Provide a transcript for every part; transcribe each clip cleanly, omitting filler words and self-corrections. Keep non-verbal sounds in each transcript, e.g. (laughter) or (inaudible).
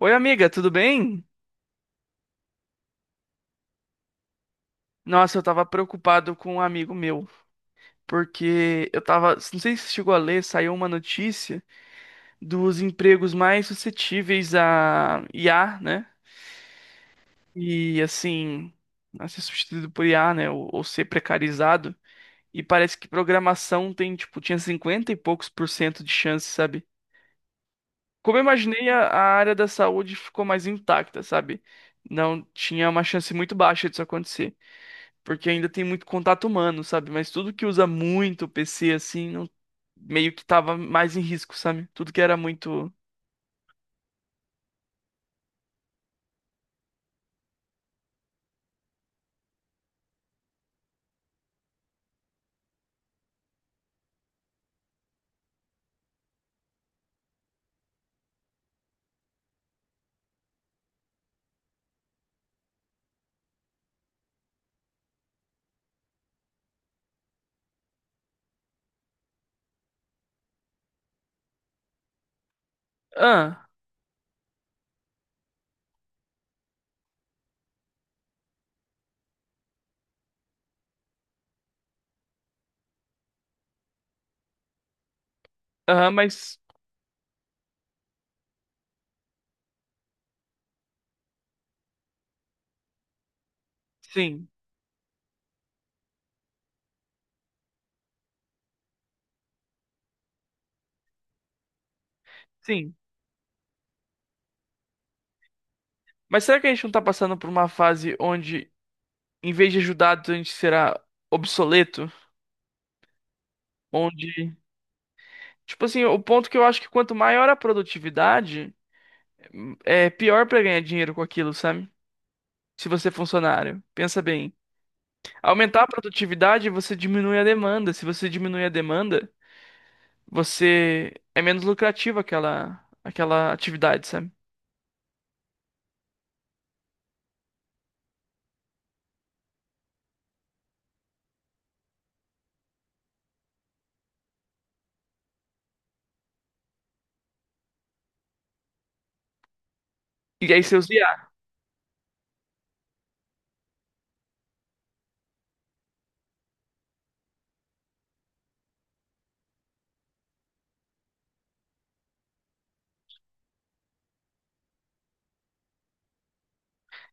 Oi, amiga, tudo bem? Nossa, eu tava preocupado com um amigo meu, porque eu tava, não sei se você chegou a ler, saiu uma notícia dos empregos mais suscetíveis a IA, né? E assim, a ser substituído por IA, né? Ou ser precarizado. E parece que programação tem, tipo, tinha 50 e poucos% de chance, sabe? Como eu imaginei, a área da saúde ficou mais intacta, sabe? Não tinha uma chance muito baixa disso acontecer. Porque ainda tem muito contato humano, sabe? Mas tudo que usa muito o PC assim, meio que tava mais em risco, sabe? Tudo que era muito. Ah, aham, mas sim, sim. Mas será que a gente não tá passando por uma fase onde, em vez de ajudado, a gente será obsoleto? Onde, tipo assim, o ponto que eu acho que quanto maior a produtividade, é pior pra ganhar dinheiro com aquilo, sabe? Se você é funcionário, pensa bem. Aumentar a produtividade, você diminui a demanda. Se você diminui a demanda, você é menos lucrativa aquela atividade, sabe? E aí você usa IA.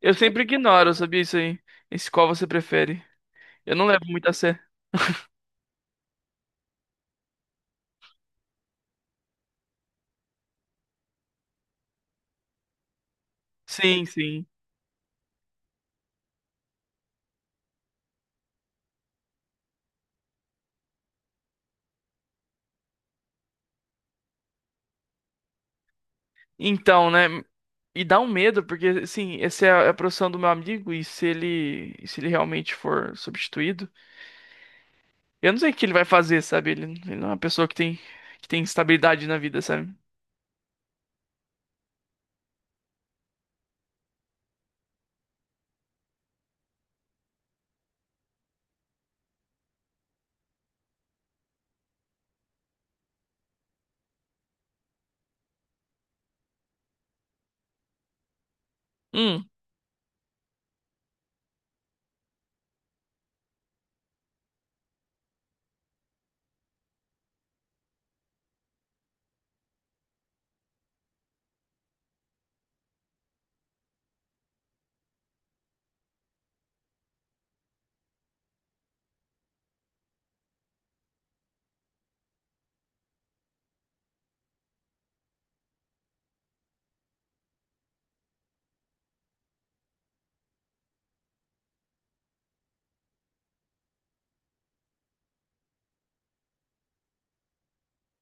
Eu sempre ignoro, sabia isso aí? Esse qual você prefere. Eu não levo muito a sério. Sim, sim. Então, né? E dá um medo, porque, assim, essa é a profissão do meu amigo, e se ele realmente for substituído, eu não sei o que ele vai fazer, sabe? Ele não é uma pessoa que tem estabilidade na vida, sabe? Hum.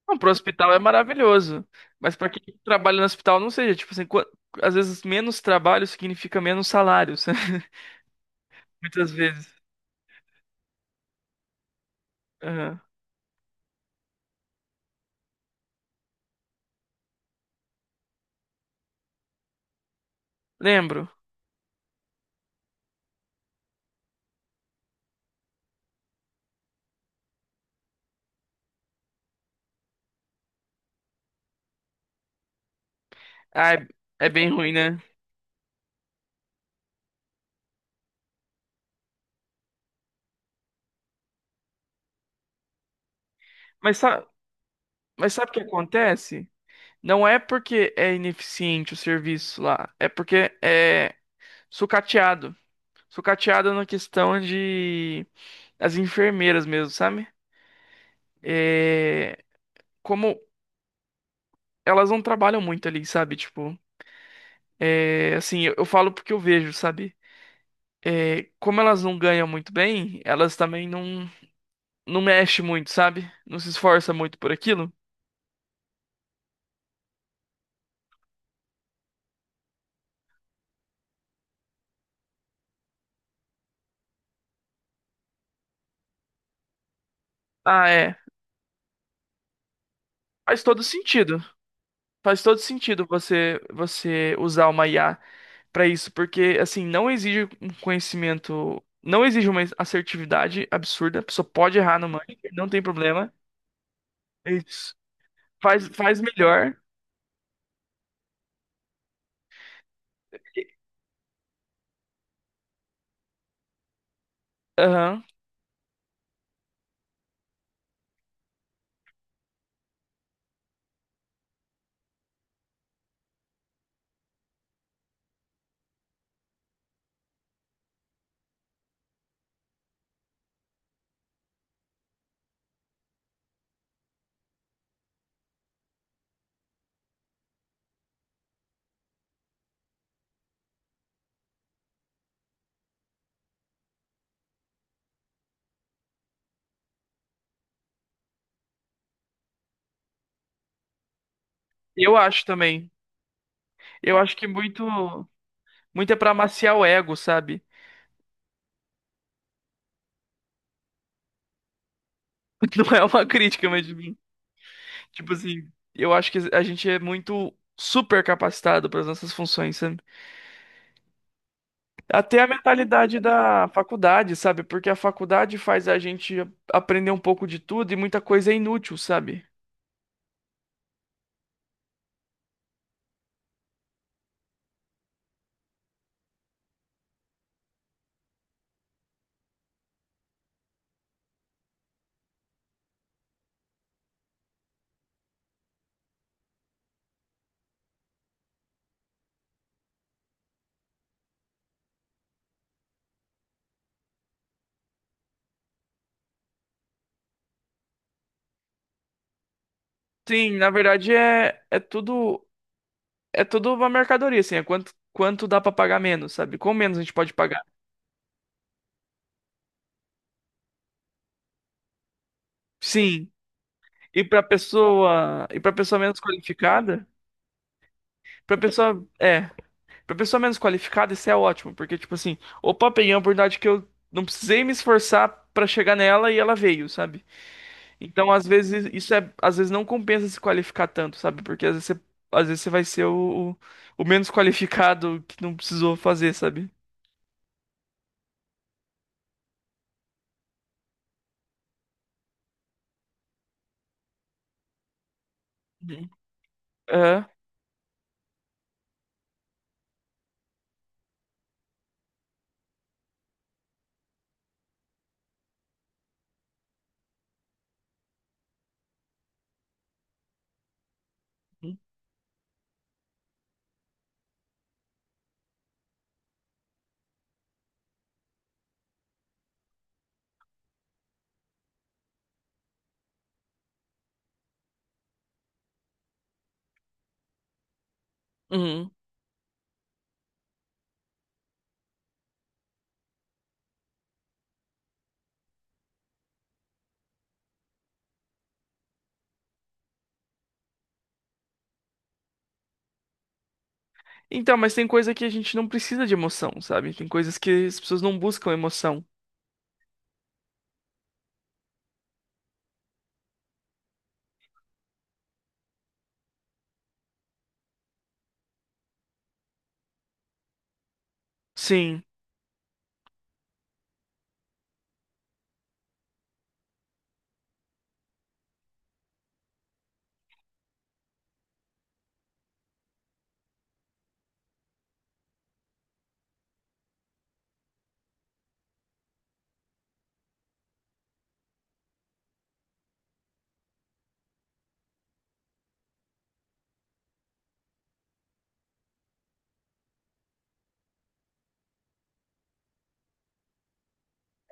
Não, pro hospital é maravilhoso. Mas pra quem trabalha no hospital, não seja, tipo assim, às vezes menos trabalho significa menos salário, sabe? (laughs) Muitas vezes. Aham. Lembro. Ah, é, é bem ruim, né? Mas sabe, mas sabe o que acontece? Não é porque é ineficiente o serviço lá, é porque é sucateado. Sucateado na questão de as enfermeiras mesmo, sabe? É, como elas não trabalham muito ali, sabe? Tipo. É, assim, eu falo porque eu vejo, sabe? É, como elas não ganham muito bem, elas também não, não mexem muito, sabe? Não se esforça muito por aquilo. Ah, é. Faz todo sentido. Faz todo sentido você usar uma IA pra isso, porque assim, não exige um conhecimento, não exige uma assertividade absurda. A pessoa pode errar no Manchester, não tem problema. É isso. Faz melhor. Aham. Eu acho também. Eu acho que muito é pra amaciar o ego, sabe? (laughs) Não é uma crítica, mas tipo assim, eu acho que a gente é muito super capacitado para as nossas funções, sabe? Até a mentalidade da faculdade, sabe? Porque a faculdade faz a gente aprender um pouco de tudo e muita coisa é inútil, sabe? Sim, na verdade é tudo uma mercadoria, assim, é quanto dá para pagar menos, sabe? Com menos a gente pode pagar. Sim. E para pessoa menos qualificada, para pessoa, é pra pessoa menos qualificada, isso é ótimo, porque, tipo assim, opa, peguei uma oportunidade que eu não precisei me esforçar pra chegar nela e ela veio, sabe? Então, às vezes, isso é, às vezes não compensa se qualificar tanto, sabe? Porque às vezes você vai ser o menos (laughs) qualificado que não precisou fazer, sabe? Uhum. É. Uhum. Uhum. Então, mas tem coisa que a gente não precisa de emoção, sabe? Tem coisas que as pessoas não buscam emoção. Sim,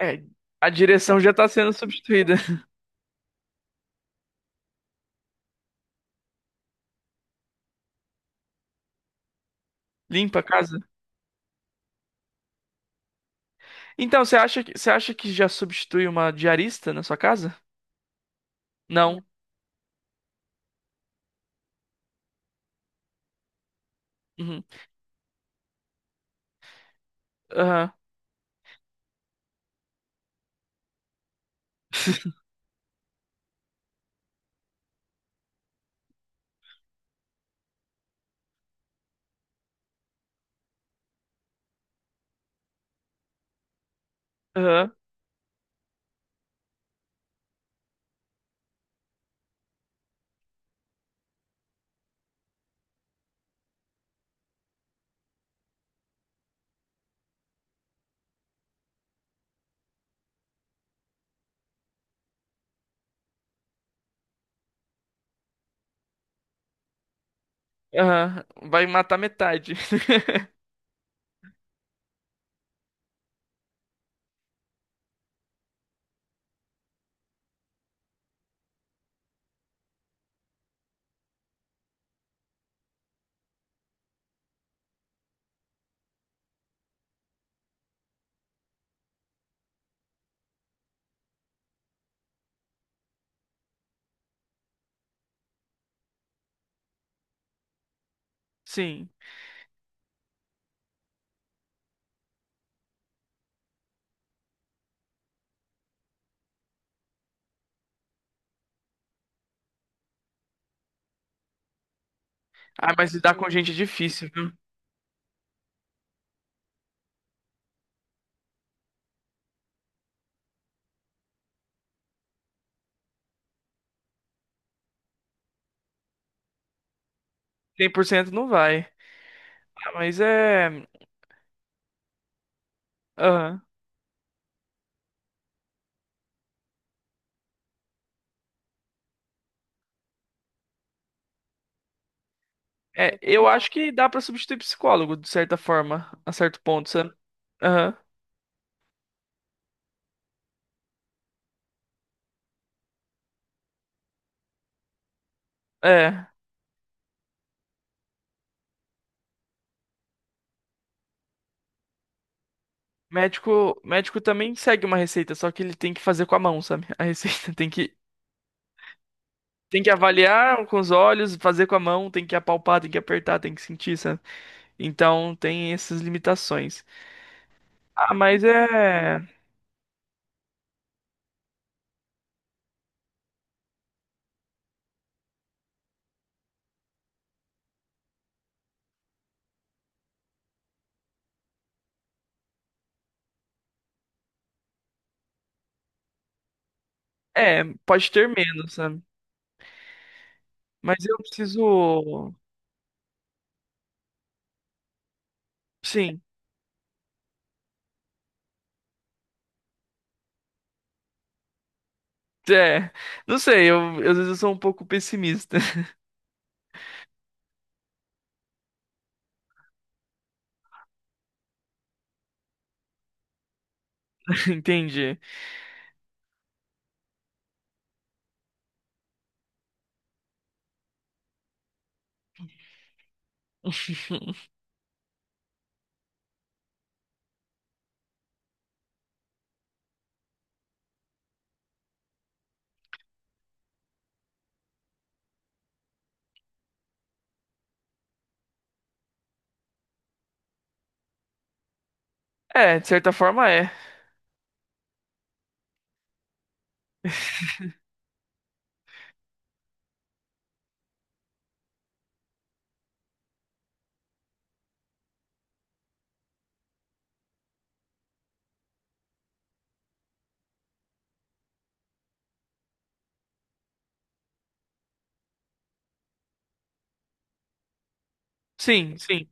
é. A direção já tá sendo substituída. (laughs) Limpa a casa. Então, você acha que já substitui uma diarista na sua casa? Não. Uhum. Aham. Aham. Aham. Vai matar metade. (laughs) Sim. Ah, mas lidar com gente é difícil, viu? 100% não vai. Ah, mas é. Aham. É, eu acho que dá pra substituir psicólogo, de certa forma, a certo ponto, sabe? Aham. É. Médico também segue uma receita, só que ele tem que fazer com a mão, sabe? A receita (laughs) tem que tem que avaliar com os olhos, fazer com a mão, tem que apalpar, tem que apertar, tem que sentir, sabe? Então tem essas limitações. Ah, mas é. É, pode ter menos, sabe? Mas eu preciso. Sim. É. Não sei, eu, às vezes eu sou um pouco pessimista. (laughs) Entendi. (laughs) É, de certa forma é. Sim, sim.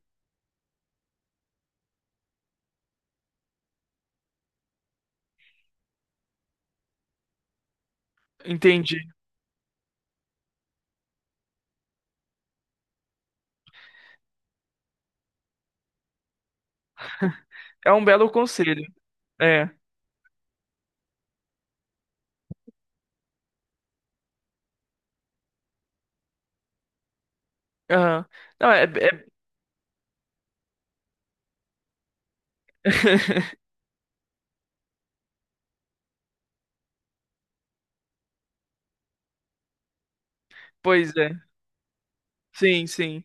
Entendi. É um belo conselho. É. Aham. Não, é. É- (laughs) Pois é. Sim, sim.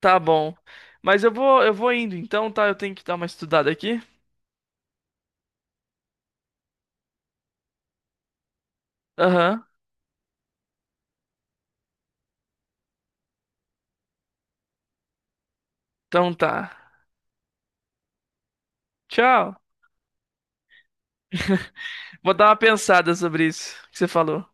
Tá bom. Mas eu vou indo então, tá? Eu tenho que dar uma estudada aqui. Aham. Então tá. Tchau. Vou dar uma pensada sobre isso que você falou.